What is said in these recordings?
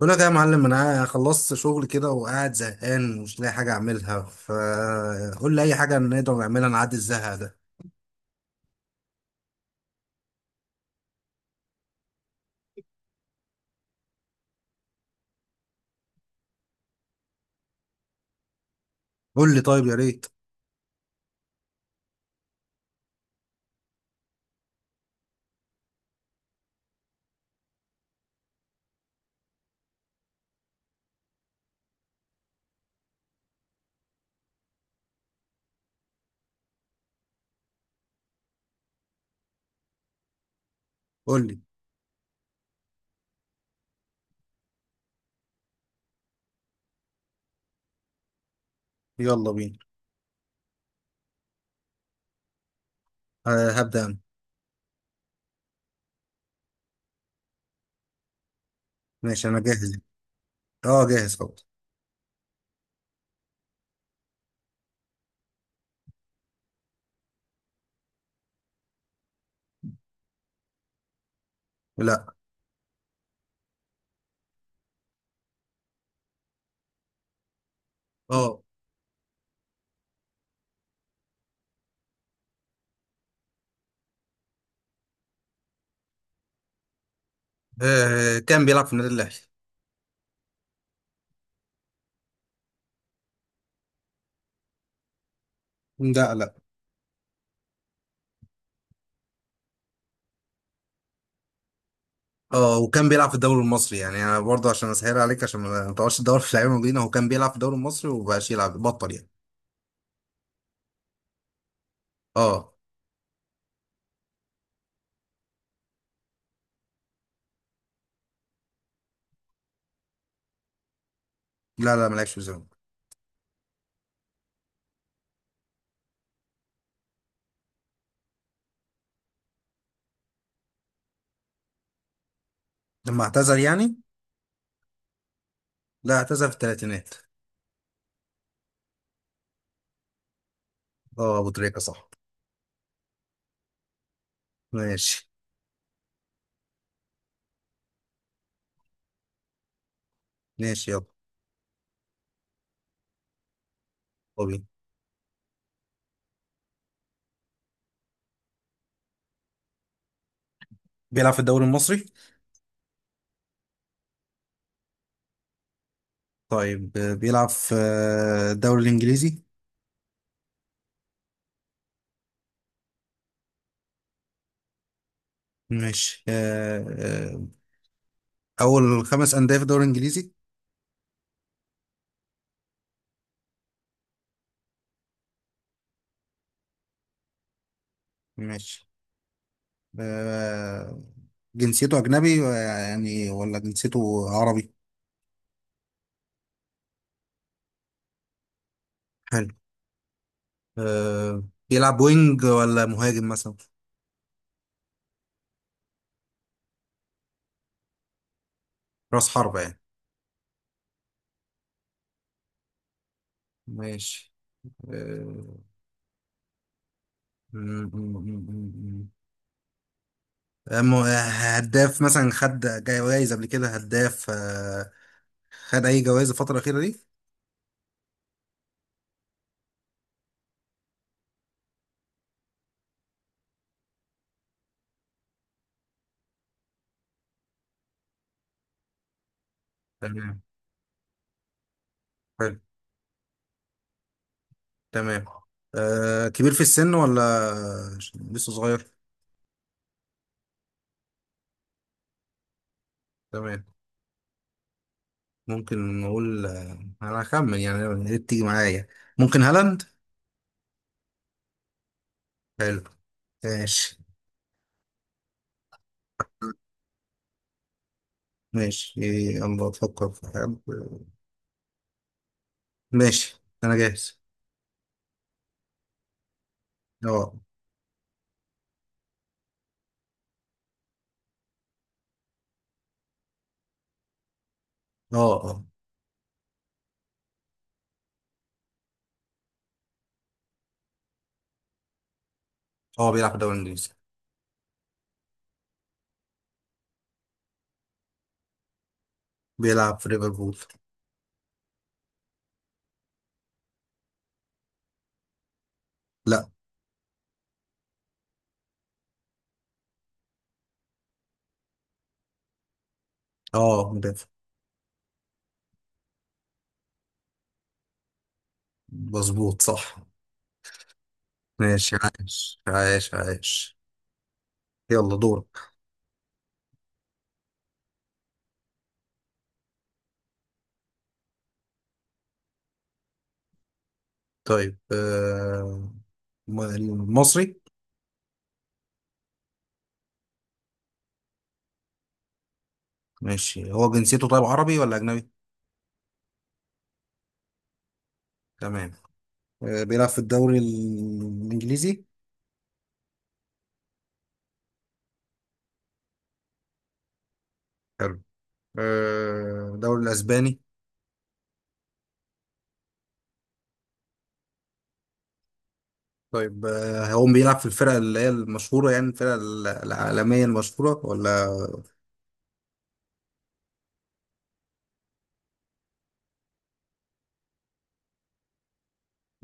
بقول لك إيه يا معلم، انا خلصت شغل كده وقاعد زهقان ومش لاقي حاجه اعملها، فقول لي اي حاجه نقدر نعملها نعدي الزهق ده. قول لي، طيب، يا ريت. قول لي، يلا بينا. أه، هبدا انا. ماشي، انا جاهز. اه، جاهز خلاص. لا. اه. آه، كان بيلعب في النادي الاهلي. لا، لا. اه، وكان بيلعب في الدوري المصري، يعني انا برضه عشان اسهل عليك عشان ما تقعدش تدور في لعيبه مدينه. هو كان بيلعب في الدوري المصري ومبقاش يلعب، بطل يعني. اه. لا، لا ما لعبش في الزمالك. لما اعتزل يعني. لا، اعتزل في الثلاثينات. اه، ابو تريكه صح. ماشي. ماشي. يلا. طبيعي. بيلعب في الدوري المصري. طيب، بيلعب في الدوري الإنجليزي. ماشي. أول خمس أندية في الدوري الإنجليزي. ماشي. آه، جنسيته أجنبي، يعني ولا جنسيته عربي؟ حلو. آه، بيلعب وينج ولا مهاجم مثلا؟ رأس حربة يعني. ماشي. آه، م- م- م- م- م. آه، م- آه، هداف مثلا، خد جايزة قبل كده، هداف، خد اي جوائز الفتره الاخيره دي؟ تمام. حلو. تمام. كبير في السن ولا لسه صغير؟ تمام. ممكن نقول، انا هخمن يعني، يا ريت تيجي معايا. ممكن هالاند. حلو. ماشي. ماشي. يلا افكر في حد. ماشي، انا جاهز. اه. اه. اه. اه، بيلعب في الدوري الانجليزي. بيلعب في ليفربول. لا. اه، مدافع. مظبوط صح. ماشي. عايش عايش عايش. يلا دور. طيب، المصري. ماشي. هو جنسيته، طيب، عربي ولا أجنبي؟ تمام. آه، بيلعب في الدوري الإنجليزي؟ حلو. آه، الدوري الأسباني؟ طيب، هو بيلعب في الفرق اللي هي المشهورة، يعني الفرق العالمية المشهورة، ولا؟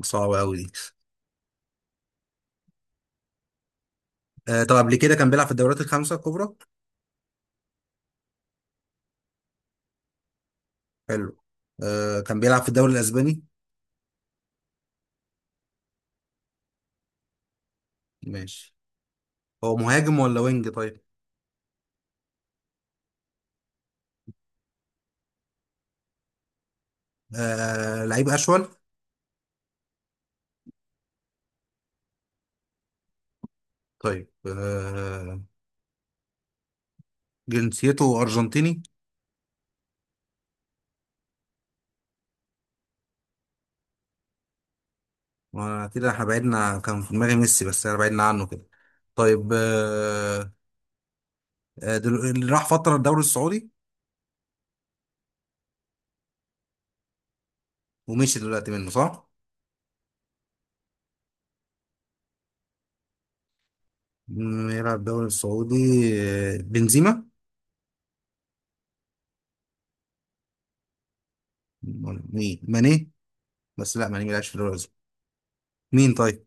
صعبة أوي دي؟ آه، طب قبل كده كان بيلعب في الدوريات الخمسة الكبرى؟ حلو. آه، كان بيلعب في الدوري الأسباني؟ ماشي. هو مهاجم ولا وينج، طيب؟ آه، لعيب أشول؟ طيب، جنسيته أرجنتيني؟ ما كده احنا بعدنا عن- كان في دماغي ميسي، بس انا بعدنا عنه كده. طيب، اللي راح فترة الدوري السعودي ومشي دلوقتي منه صح؟ يلعب الدوري السعودي. آه، بنزيما؟ ولا مين؟ ماني؟ بس لا، ماني ملعبش في الدوري السعودي. مين طيب؟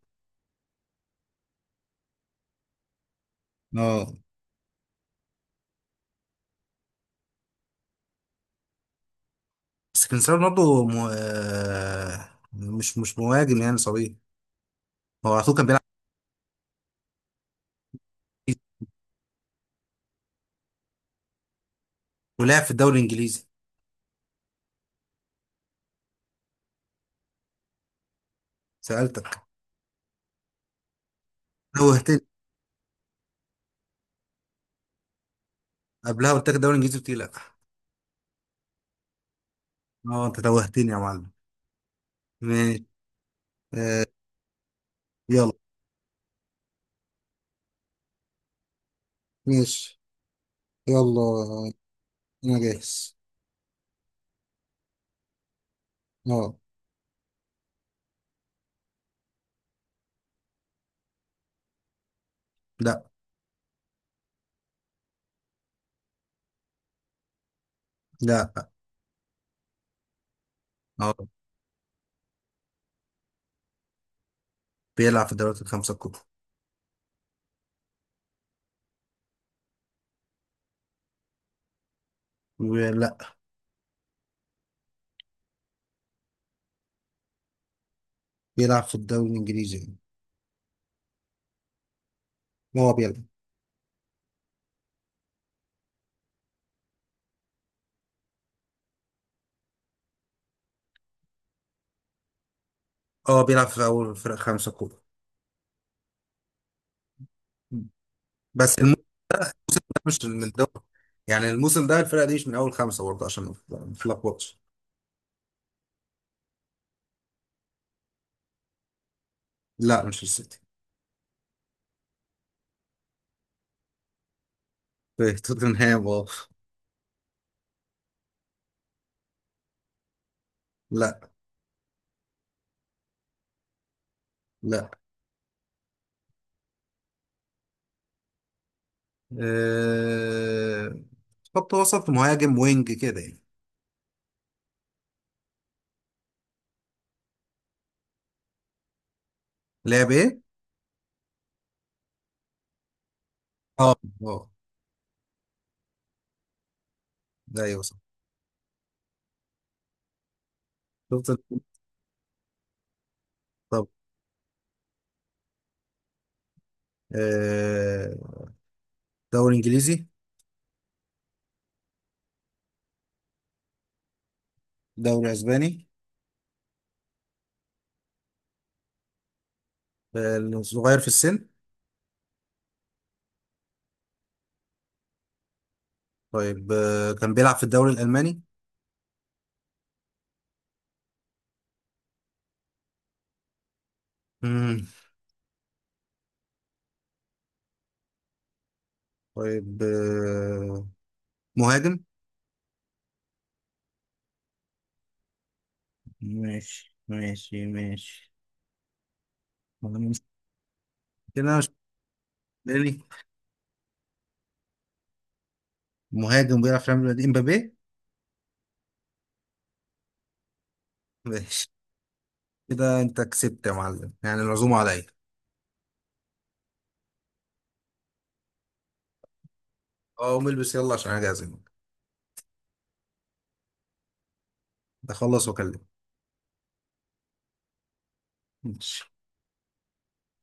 اه. بس كريستيانو رونالدو م... آه، مش مش مهاجم، يعني صغير. هو على طول كان بيلعب إنجليزي، ولعب في الدوري الانجليزي. سألتك. توهتني. قبلها قلت لك الدوري الانجليزي، قلت لي لا. اه، انت توهتني يا معلم. ماشي. آه، يلا. ماشي. يلا انا جاهز. اه. لا. لا. اه، بيلعب في الدوريات الخمسة الكبرى. لا. بيلعب في الدوري الانجليزي يعني. هو بيلعب. اه، بيلعب في اول فرق خمسة كبرى، بس الموسم ده مش من الدوري، يعني الموسم ده الفرقة دي مش من اول خمسة برضه، عشان ما نتلخبطش. لا، مش السيتي. في توتنهام، اه. لا. لا. أه... خط وسط مهاجم وينج كده يعني. لعب ايه؟ اه. اه. ده ايوه صح. شفت. آه، دوري انجليزي؟ دوري اسباني؟ صغير في السن؟ طيب، كان بيلعب في الدوري الالماني؟ مم. طيب، مهاجم. ماشي ماشي ماشي. والله مش-. كده مش بالي. مهاجم بيلعب في ريال مدريد، امبابي. ماشي. كده انت كسبت يا معلم، يعني العزومه عليا. اه، قوم البس، يلا، عشان انا جاهز. بخلص واكلمك. ماشي.